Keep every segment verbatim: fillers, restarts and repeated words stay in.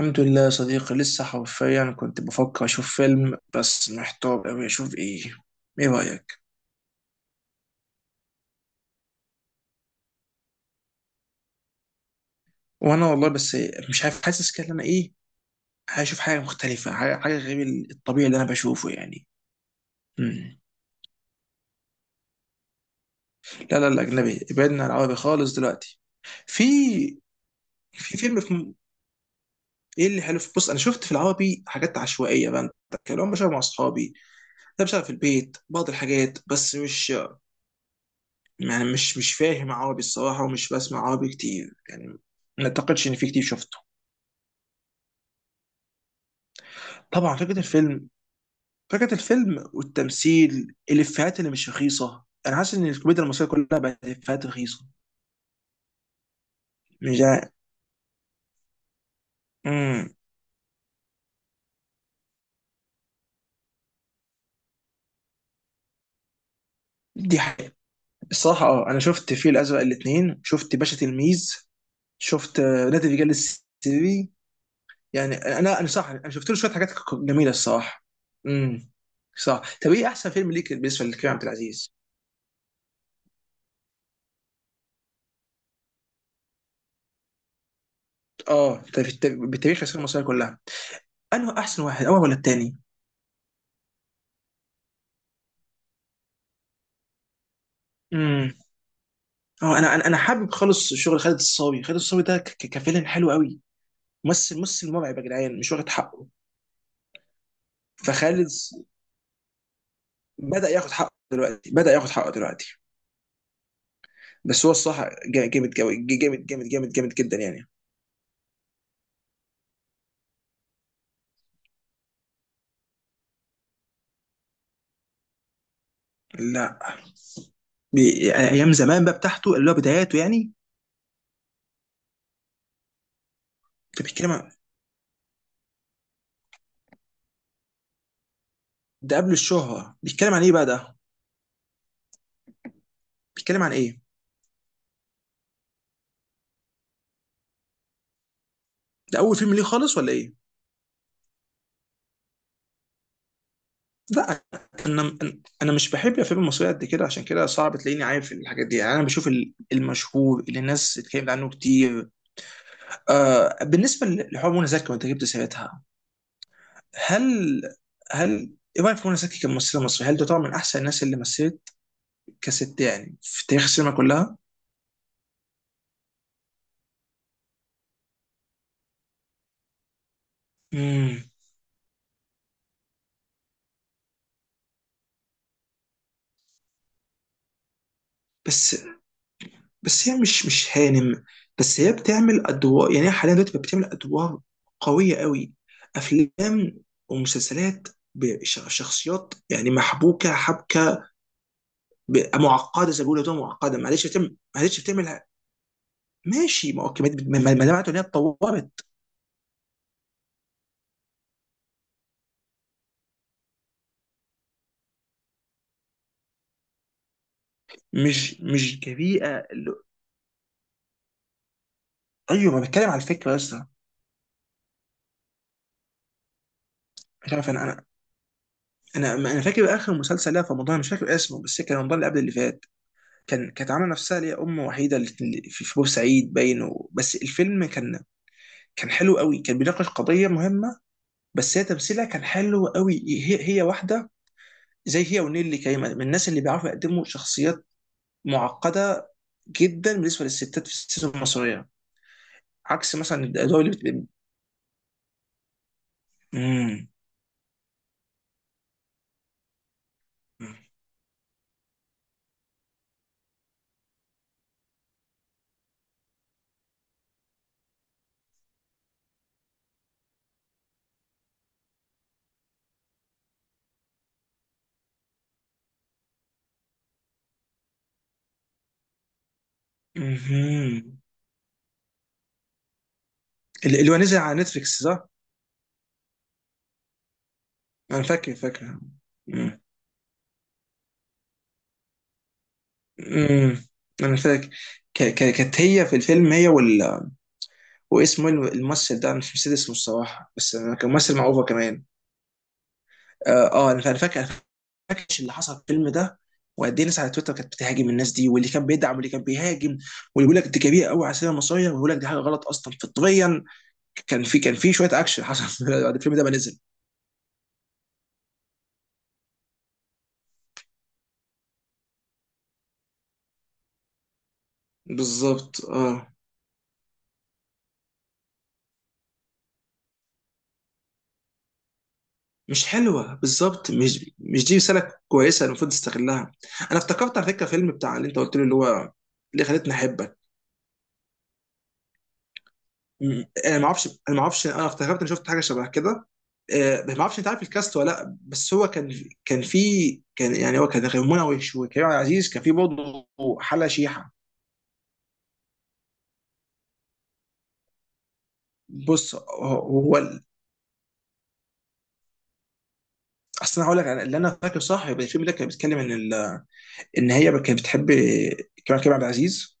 الحمد لله يا صديقي، لسه حرفيا كنت بفكر اشوف فيلم بس محتار قوي اشوف ايه. ايه رايك؟ وانا والله. بس مش عارف، حاسس كده إن انا ايه. هشوف حاجه مختلفه، حاجه حاجة غير الطبيعي اللي انا بشوفه يعني. مم. لا لا، الاجنبي، ابعدنا عن العربي خالص دلوقتي. في في فيلم في م- ايه اللي حلو في- بص، انا شفت في العربي حاجات عشوائيه بقى، كان بشوفها مع اصحابي، ده بشوفها في البيت بعض الحاجات، بس مش، يعني مش مش فاهم عربي الصراحة، ومش بسمع عربي كتير يعني. ما اعتقدش ان في كتير شفته. طبعا فكرة الفيلم، فكرة الفيلم والتمثيل، الإفيهات اللي مش رخيصة، انا حاسس ان الكوميديا المصرية كلها بقت إفيهات رخيصة. مش عارف. امم دي حقيقة. الصراحة اه انا شفت الفيل الأزرق الاتنين، شفت باشا تلميذ، شفت آه، نادي الرجال السري. يعني انا انا صح، انا شفت له شوية حاجات جميلة الصراحة. امم صح. طب ايه احسن فيلم ليك بالنسبة لكريم عبد العزيز؟ اه في الت- بالتاريخ العسكريه المصريه كلها، انه احسن واحد، اول ولا التاني. امم اه انا انا أنا حابب خالص شغل خالد الصاوي خالد الصاوي ده ك- ك- كفيلن حلو قوي. ممثل ممثل مرعب يا جدعان، مش واخد حقه. فخالد بدا ياخد حقه دلوقتي، بدا ياخد حقه دلوقتي. بس هو الصح. جا- جامد قوي، جامد جامد جامد جامد جدا يعني. لا. بي- يعني ايام زمان بقى بتاعته، اللي هو بداياته يعني. ده بيتكلم عن، ده قبل الشهره، بيتكلم عن ايه بقى ده؟ بيتكلم عن ايه؟ ده اول فيلم ليه خالص ولا ايه؟ لا. انا، انا مش بحب الافلام المصريه قد كده، عشان كده صعب تلاقيني عارف الحاجات دي يعني. انا بشوف ال- المشهور اللي الناس اتكلمت عنه كتير. آه، بالنسبه لحوار منى زكي وانت جبت سيرتها، هل، هل ايه رايك في منى زكي كممثله مصريه؟ هل تعتبر من احسن الناس اللي مثلت كست يعني في تاريخ السينما كلها؟ امم بس، بس هي مش مش هانم. بس هي بتعمل ادوار، يعني هي حاليا دلوقتي بقت بتعمل ادوار قويه قوي، افلام ومسلسلات بشخصيات يعني محبوكه حبكه. ب- معقده زي ما بيقولوا كده، معقده. معلش بتعمل، معلش بتعمل. ماشي، ما اوكي، ما ما- ما- ما ده معناته ان هي اتطورت. مش مش جريئه ال- ايوه، ما بتكلم على الفكره يا اسطى. مش عارف. انا انا انا انا فاكر اخر مسلسل لها في رمضان، مش فاكر اسمه، بس كان رمضان اللي قبل اللي فات. كان كانت عامله نفسها اللي هي ام وحيده، اللي في في بورسعيد باين و- بس الفيلم كان كان حلو قوي، كان بيناقش قضيه مهمه. بس هي تمثيلها كان حلو قوي. هي هي واحده، زي هي ونيلي كريمه، من الناس اللي بيعرفوا يقدموا شخصيات معقده جدا بالنسبه للستات في السينما المصريه، عكس مثلا الادوار اللي بت... مم. مهم. اللي اللي هو نزل على نتفليكس، صح؟ انا فاكر فاكر. مم. مم. انا فاكر ك- ك- كانت هي في الفيلم هي وال واسمه إيه الم- الممثل ده؟ أنا مش نسيت اسمه الصراحه، بس أنا كان ممثل مع اوفا كمان. اه آه، انا فاكر. أنا فاكر اللي حصل في الفيلم ده، وقد ايه الناس على تويتر كانت بتهاجم الناس دي، واللي كان بيدعم واللي كان بيهاجم، واللي بيقول لك دي كبيره قوي على السينما المصريه، ويقول لك دي حاجه غلط اصلا فطريا. كان في كان في شويه اكشن حصل بعد الفيلم ده ما نزل. بالظبط. اه مش حلوه بالظبط، مش مش دي رساله كويسه، المفروض تستغلها. انا افتكرت على فكره فيلم بتاع اللي انت قلت له، اللي هو اللي خلتني احبك. م- انا ما اعرفش انا ما اعرفش انا افتكرت اني شفت حاجه شبه كده. آه، ما اعرفش انت عارف الكاست ولا لا، بس هو كان، كان في، كان يعني هو كان غير منعش، وكريم عبد العزيز كان في برضه حلا شيحه. بص هو، هو ال- اصل انا هقول لك على- اللي انا فاكره صح، يبقى الفيلم ده كان بيتكلم ان ال... ان هي كانت بتحب كريم كريم عبد العزيز،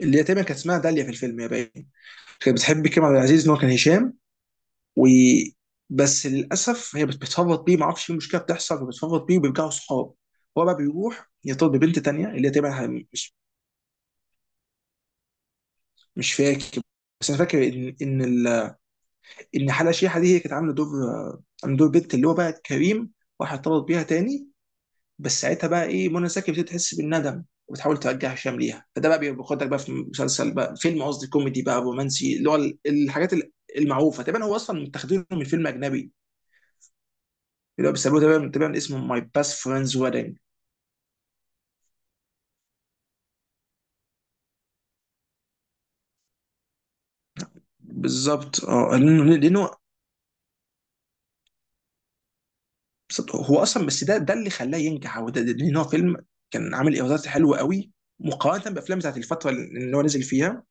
اللي هي تقريبا كانت اسمها داليا في الفيلم يا باين. كانت بتحب كريم عبد العزيز ان هو كان هشام. وبس للاسف هي بت- بتفرط بيه، ما اعرفش ايه المشكله بتحصل، وبتفرط بيه وبيرجعوا صحاب. هو بقى بيروح يرتبط ببنت تانية اللي هي تبعها. مش، مش فاكر. بس انا فاكر ان ان ال- ان حلا شيحه دي هي كانت عامله دور عامله دور بنت اللي هو بقى كريم راح ارتبط بيها تاني. بس ساعتها بقى ايه، منى زكي بتبتدي تحس بالندم، وبتحاول ترجع هشام ليها. فده بقى بياخدك بقى في مسلسل، بقى فيلم قصدي، كوميدي بقى رومانسي، اللي هو ال- الحاجات ال- المعروفه تقريبا. هو اصلا متاخدينه من فيلم اجنبي اللي هو بيسموه تقريبا تقريبا اسمه ماي باست فريندز ويدنج. بالظبط. اه لانه لأنه بالظبط. هو اصلا، بس ده ده اللي خلاه ينجح، هو ده ده- لان هو فيلم كان عامل ايرادات حلوه قوي، مقارنه بافلام بتاعت الفتره اللي هو نزل فيها.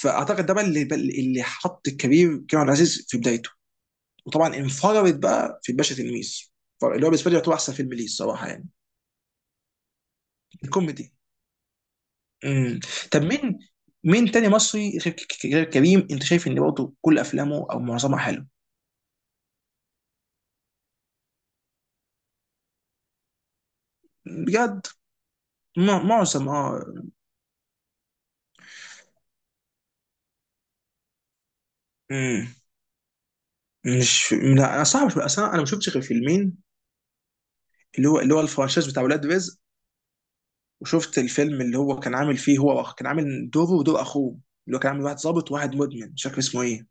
فاعتقد ده بقى اللي اللي حط الكبير كريم عبد العزيز في بدايته. وطبعا انفرد بقى في الباشا تلميذ، اللي هو بالنسبه لي يعتبر احسن فيلم ليه الصراحه، يعني الكوميدي. امم طب مين مين تاني مصري غير، غير كريم؟ انت شايف ان برضه كل افلامه او معظمها حلو؟ بجد. مع- معظم اه مم. مش، لا، انا صعب اصلا، انا ما شفتش غير فيلمين، اللي هو اللي هو الفرنشايز بتاع ولاد رزق، وشفت الفيلم اللي هو كان عامل فيه هو وأخ- كان عامل دوره ودور اخوه، اللي هو كان عامل واحد ظابط وواحد مدمن، مش فاكر اسمه ايه.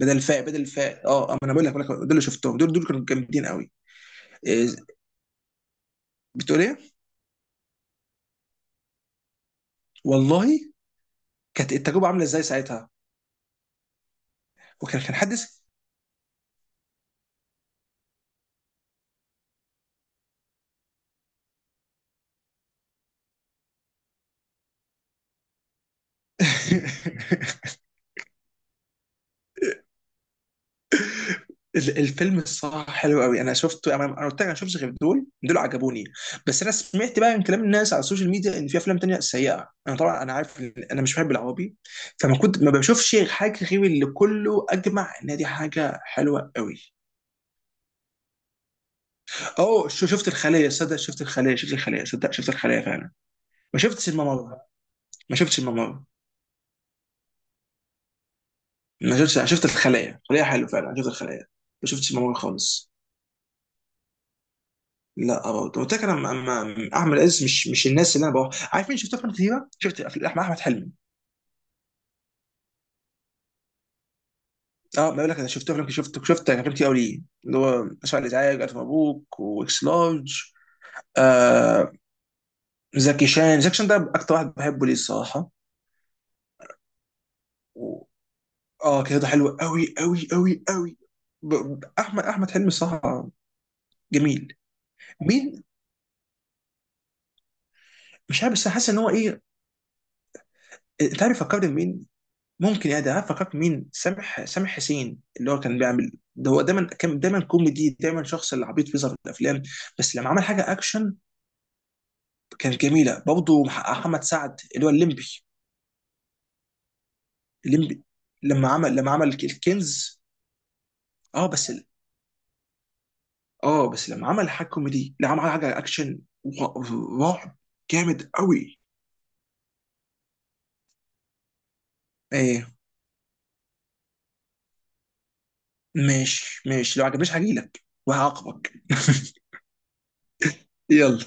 بدل فاق بدل فاق اه آه، ما انا بقول لك، بقول لك دول اللي شفتهم، دول دول كانوا جامدين قوي. إيه؟ بتقول ايه؟ والله. كانت التجربه عامله ازاي ساعتها؟ وكان كان حدث ال- الفيلم الصراحه حلو قوي، انا شفته. انا أنا قلت لك، انا شفتش غير دول، دول عجبوني. بس انا سمعت بقى من كلام الناس على السوشيال ميديا ان في افلام تانية سيئه، انا طبعا انا عارف إن انا مش بحب العربي، فما كنت ما بشوفش حاجه غير اللي كله اجمع ان دي حاجه حلوه قوي. اوه، شو- شفت الخليه، صدق شفت الخليه، شفت الخليه، صدق شفت الخليه فعلا. ما شفتش الممر، ما شفتش الممر. ما شفتش. أنا شفت الخليه، الخليه حلو فعلا، أنا شفت الخليه. ما شفتش الممر خالص. لا، برضه قلت لك انا ما- ما- احمد عز مش مش الناس اللي انا بروح. عارف مين شفت افلام كتيره؟ شفت أفلام- احمد احمد حلمي. اه ما بقول لك، انا شفت افلام، شفت شفت افلام كتير قوي ليه، اللي هو اسف على الازعاج، الف مبروك، واكس لارج. آه. زكي شان زكي شان ده اكتر واحد بحبه ليه الصراحه. و- اه كده ده حلو قوي قوي قوي قوي. ب- ب- احمد احمد حلمي الصراحه. جميل. مين؟ مش عارف، بس حاسس ان هو ايه. انت عارف فكرني مين؟ ممكن يعني، ده أنا فكرت مين، سامح سامح حسين اللي هو كان بيعمل ده، هو دايما كان دايما كوميدي، دايما شخص اللي عبيط بيظهر في الافلام. بس لما عمل حاجه اكشن، كانت جميله برضه. محمد سعد اللي هو الليمبي. الليمبي لما عمل لما عمل الكنز. اه بس، اه بس لما عمل حاجه كوميدي، لا، عمل حاجه اكشن و- رعب، جامد قوي. ايه؟ ماشي ماشي، لو عجبنيش هجيلك وهعاقبك يلا.